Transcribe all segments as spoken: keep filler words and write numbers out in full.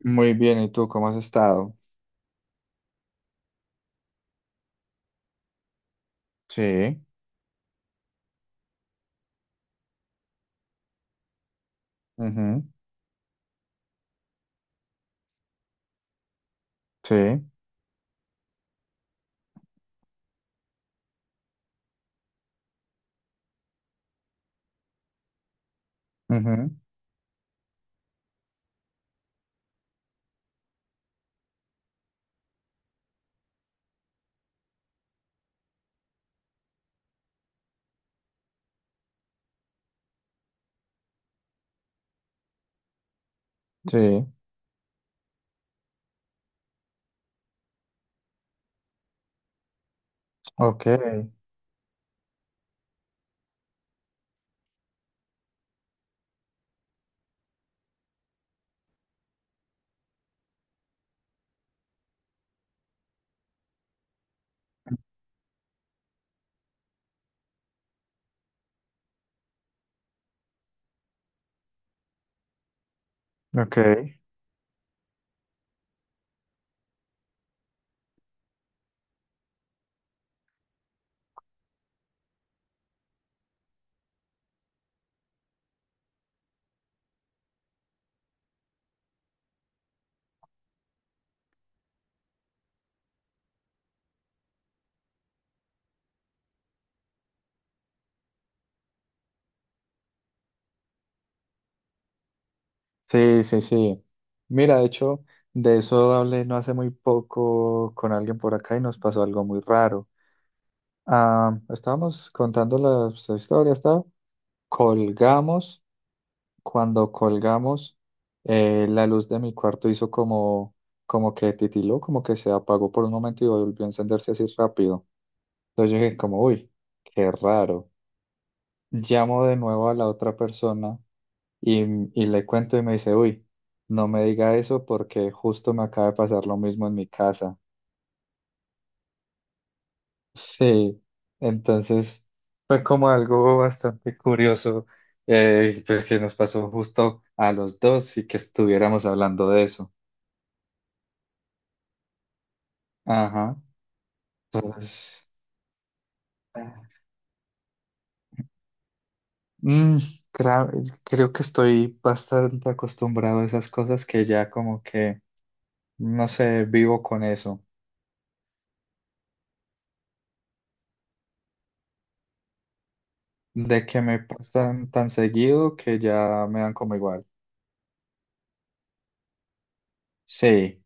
Muy bien, ¿y tú cómo has estado? Sí, ujú, sí, ujú, sí, ok, ok, sí, sí, sí. Mira, de hecho, de eso hablé no hace muy poco con alguien por acá y nos pasó algo muy raro. Ah, estábamos contando las historias, ¿tá? Colgamos, cuando colgamos, eh, la luz de mi cuarto hizo como, como que titiló, como que se apagó por un momento y volvió a encenderse así rápido. Entonces yo dije como, uy, qué raro. Llamo de nuevo a la otra persona y, y le cuento y me dice, uy, no me diga eso porque justo me acaba de pasar lo mismo en mi casa. Sí, entonces fue como algo bastante curioso, eh, pues que nos pasó justo a los dos y que estuviéramos hablando de eso. Ajá, entonces. Mm, cra- Creo que estoy bastante acostumbrado a esas cosas, que ya como que, no sé, vivo con eso. De que me pasan tan seguido que ya me dan como igual. Sí,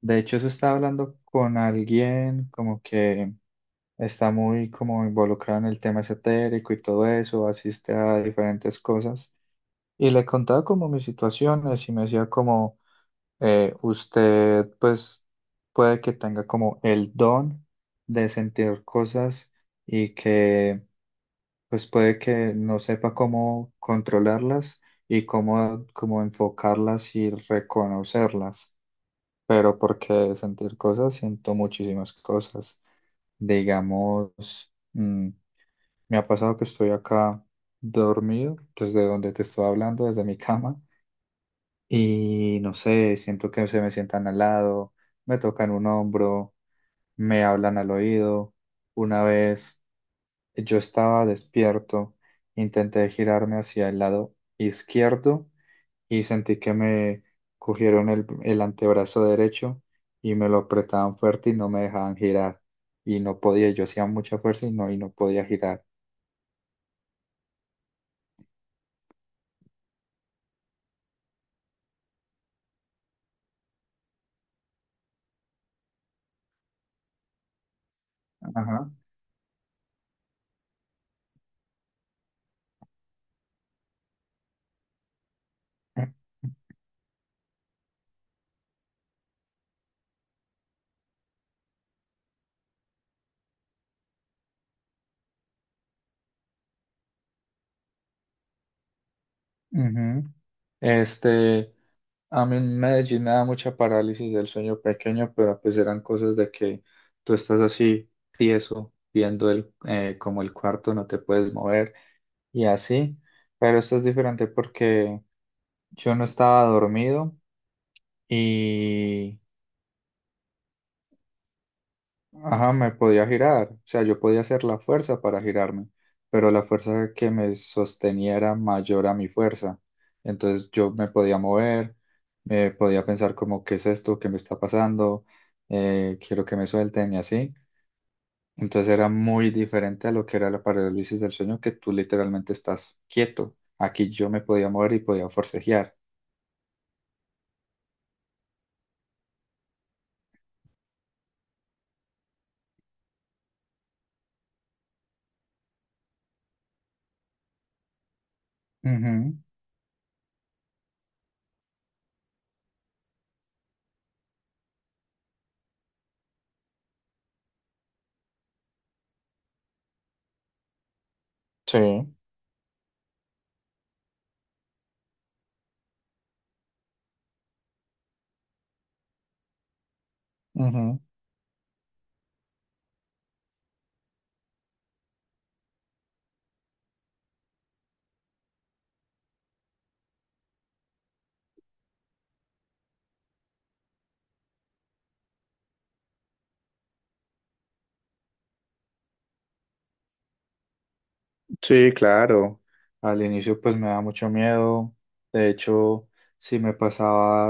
de hecho eso estaba hablando con alguien como que está muy como involucrado en el tema esotérico y todo eso, asiste a diferentes cosas. Y le contaba como mis situaciones y me decía como, eh, usted pues puede que tenga como el don de sentir cosas y que pues puede que no sepa cómo controlarlas y cómo, cómo enfocarlas y reconocerlas, pero porque de sentir cosas siento muchísimas cosas. Digamos, mm, me ha pasado que estoy acá dormido, desde donde te estoy hablando, desde mi cama, y no sé, siento que se me sientan al lado, me tocan un hombro, me hablan al oído. Una vez, yo estaba despierto, intenté girarme hacia el lado izquierdo y sentí que me cogieron el, el antebrazo derecho y me lo apretaban fuerte y no me dejaban girar. Y no podía, yo hacía mucha fuerza y no, y no podía girar. Ajá. Ujú. Este, a mí en Medellín me da mucha parálisis del sueño pequeño, pero pues eran cosas de que tú estás así tieso, viendo el, eh, como el cuarto, no te puedes mover y así, pero esto es diferente porque yo no estaba dormido y, ajá, me podía girar, o sea, yo podía hacer la fuerza para girarme, pero la fuerza que me sostenía era mayor a mi fuerza, entonces yo me podía mover, me podía pensar como, ¿qué es esto? ¿Qué me está pasando? Eh, quiero que me suelten y así. Entonces era muy diferente a lo que era la parálisis del sueño, que tú literalmente estás quieto. Aquí yo me podía mover y podía forcejear. Ujú. Sí, ujú. Sí, claro. Al inicio pues me da mucho miedo. De hecho, sí me pasaba,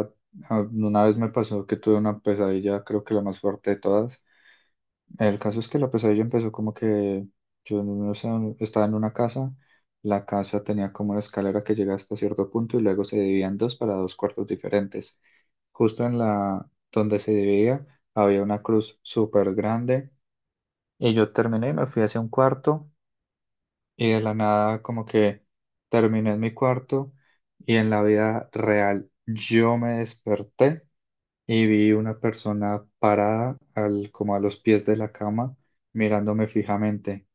ah, una vez me pasó que tuve una pesadilla, creo que la más fuerte de todas. El caso es que la pesadilla empezó como que yo no sé, estaba en una casa, la casa tenía como una escalera que llegaba hasta cierto punto y luego se dividían dos para dos cuartos diferentes. Justo en la donde se dividía había una cruz súper grande y yo terminé y me fui hacia un cuarto. Y de la nada, como que terminé en mi cuarto y en la vida real yo me desperté y vi una persona parada al, como a los pies de la cama mirándome fijamente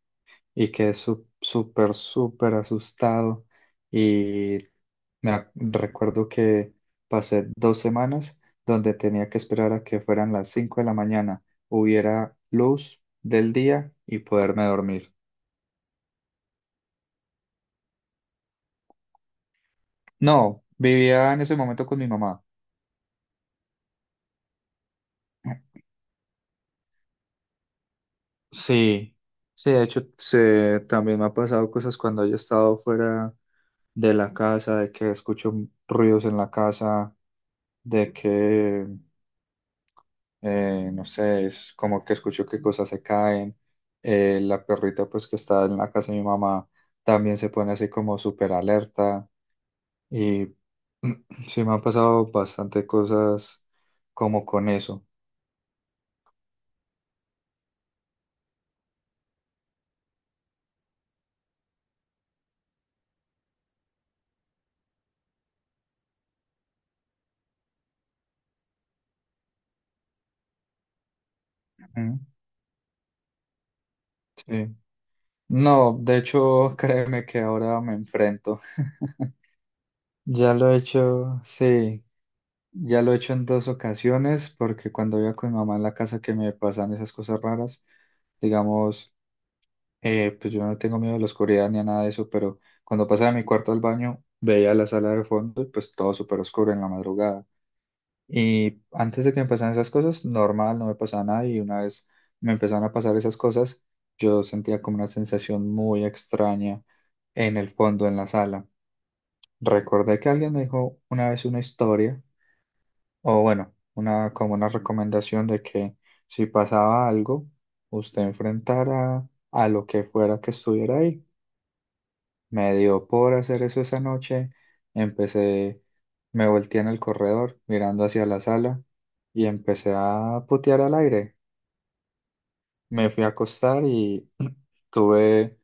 y quedé su- súper, súper asustado y me ac- recuerdo que pasé dos semanas donde tenía que esperar a que fueran las cinco de la mañana, hubiera luz del día y poderme dormir. No, vivía en ese momento con mi mamá. Sí, sí, de hecho, se- también me ha pasado cosas cuando yo he estado fuera de la casa, de que escucho ruidos en la casa, de que, eh, no sé, es como que escucho que cosas se caen. Eh, la perrita, pues, que está en la casa de mi mamá, también se pone así como súper alerta. Y sí, me han pasado bastante cosas como con eso. Ujú, sí. No, de hecho, créeme que ahora me enfrento. Ya lo he hecho, sí, ya lo he hecho en dos ocasiones, porque cuando iba con mi mamá en la casa que me pasan esas cosas raras, digamos, eh, pues yo no tengo miedo a la oscuridad ni a nada de eso, pero cuando pasaba de mi cuarto al baño, veía la sala de fondo y pues todo súper oscuro en la madrugada. Y antes de que me pasaran esas cosas, normal, no me pasaba nada. Y una vez me empezaron a pasar esas cosas, yo sentía como una sensación muy extraña en el fondo, en la sala. Recordé que alguien me dijo una vez una historia, o bueno, una, como una recomendación de que si pasaba algo, usted enfrentara a lo que fuera que estuviera ahí. Me dio por hacer eso esa noche. Empecé, Me volteé en el corredor mirando hacia la sala y empecé a putear al aire. Me fui a acostar y tuve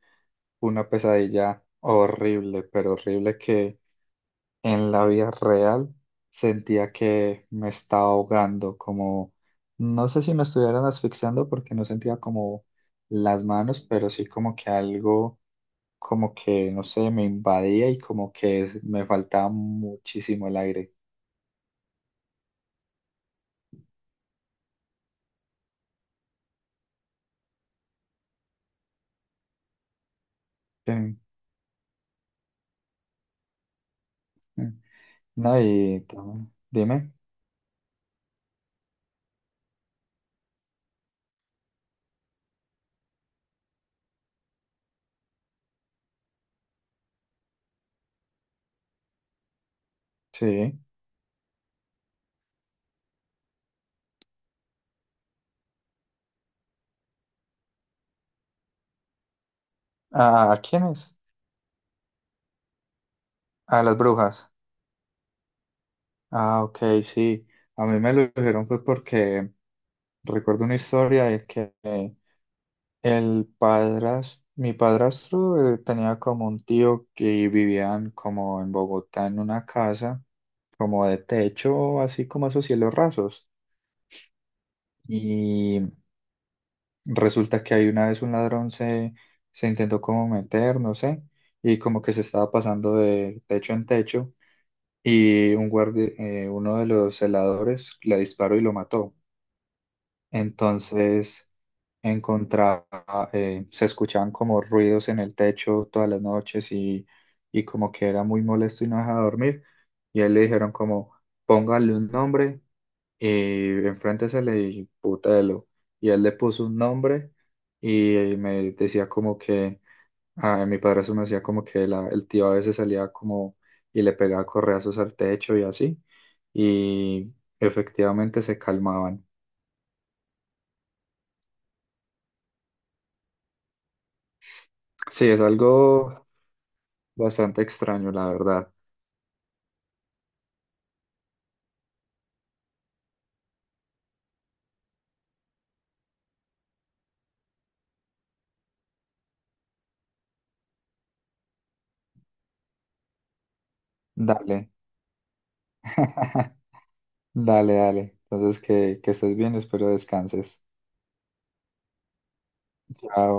una pesadilla horrible, pero horrible que en la vida real sentía que me estaba ahogando, como no sé si me estuvieran asfixiando porque no sentía como las manos, pero sí como que algo como que, no sé, me invadía y como que es- me faltaba muchísimo el aire. Sí, sí. No, y tam- dime, sí. ¿A quiénes? A las brujas. Ah, ok, sí. A mí me lo dijeron fue porque recuerdo una historia de que el padras, mi padrastro eh, tenía como un tío que vivían como en Bogotá en una casa, como de techo, así como esos cielos rasos. Y resulta que ahí una vez un ladrón se, se intentó como meter, no sé, y como que se estaba pasando de techo en techo y un guardi eh, uno de los celadores le disparó y lo mató. Entonces encontraba, eh, se escuchaban como ruidos en el techo todas las noches y, y como que era muy molesto y no dejaba dormir. Y a él le dijeron como, póngale un nombre y enfrente se le disputa Elo. Y él le puso un nombre y me decía como que, a mi padrastro me decía como que la- el tío a veces salía como y le pegaba correazos al techo y así. Y efectivamente se calmaban. Sí, es algo bastante extraño, la verdad. Dale, dale, dale. Entonces que, que estés bien, espero descanses. Chao.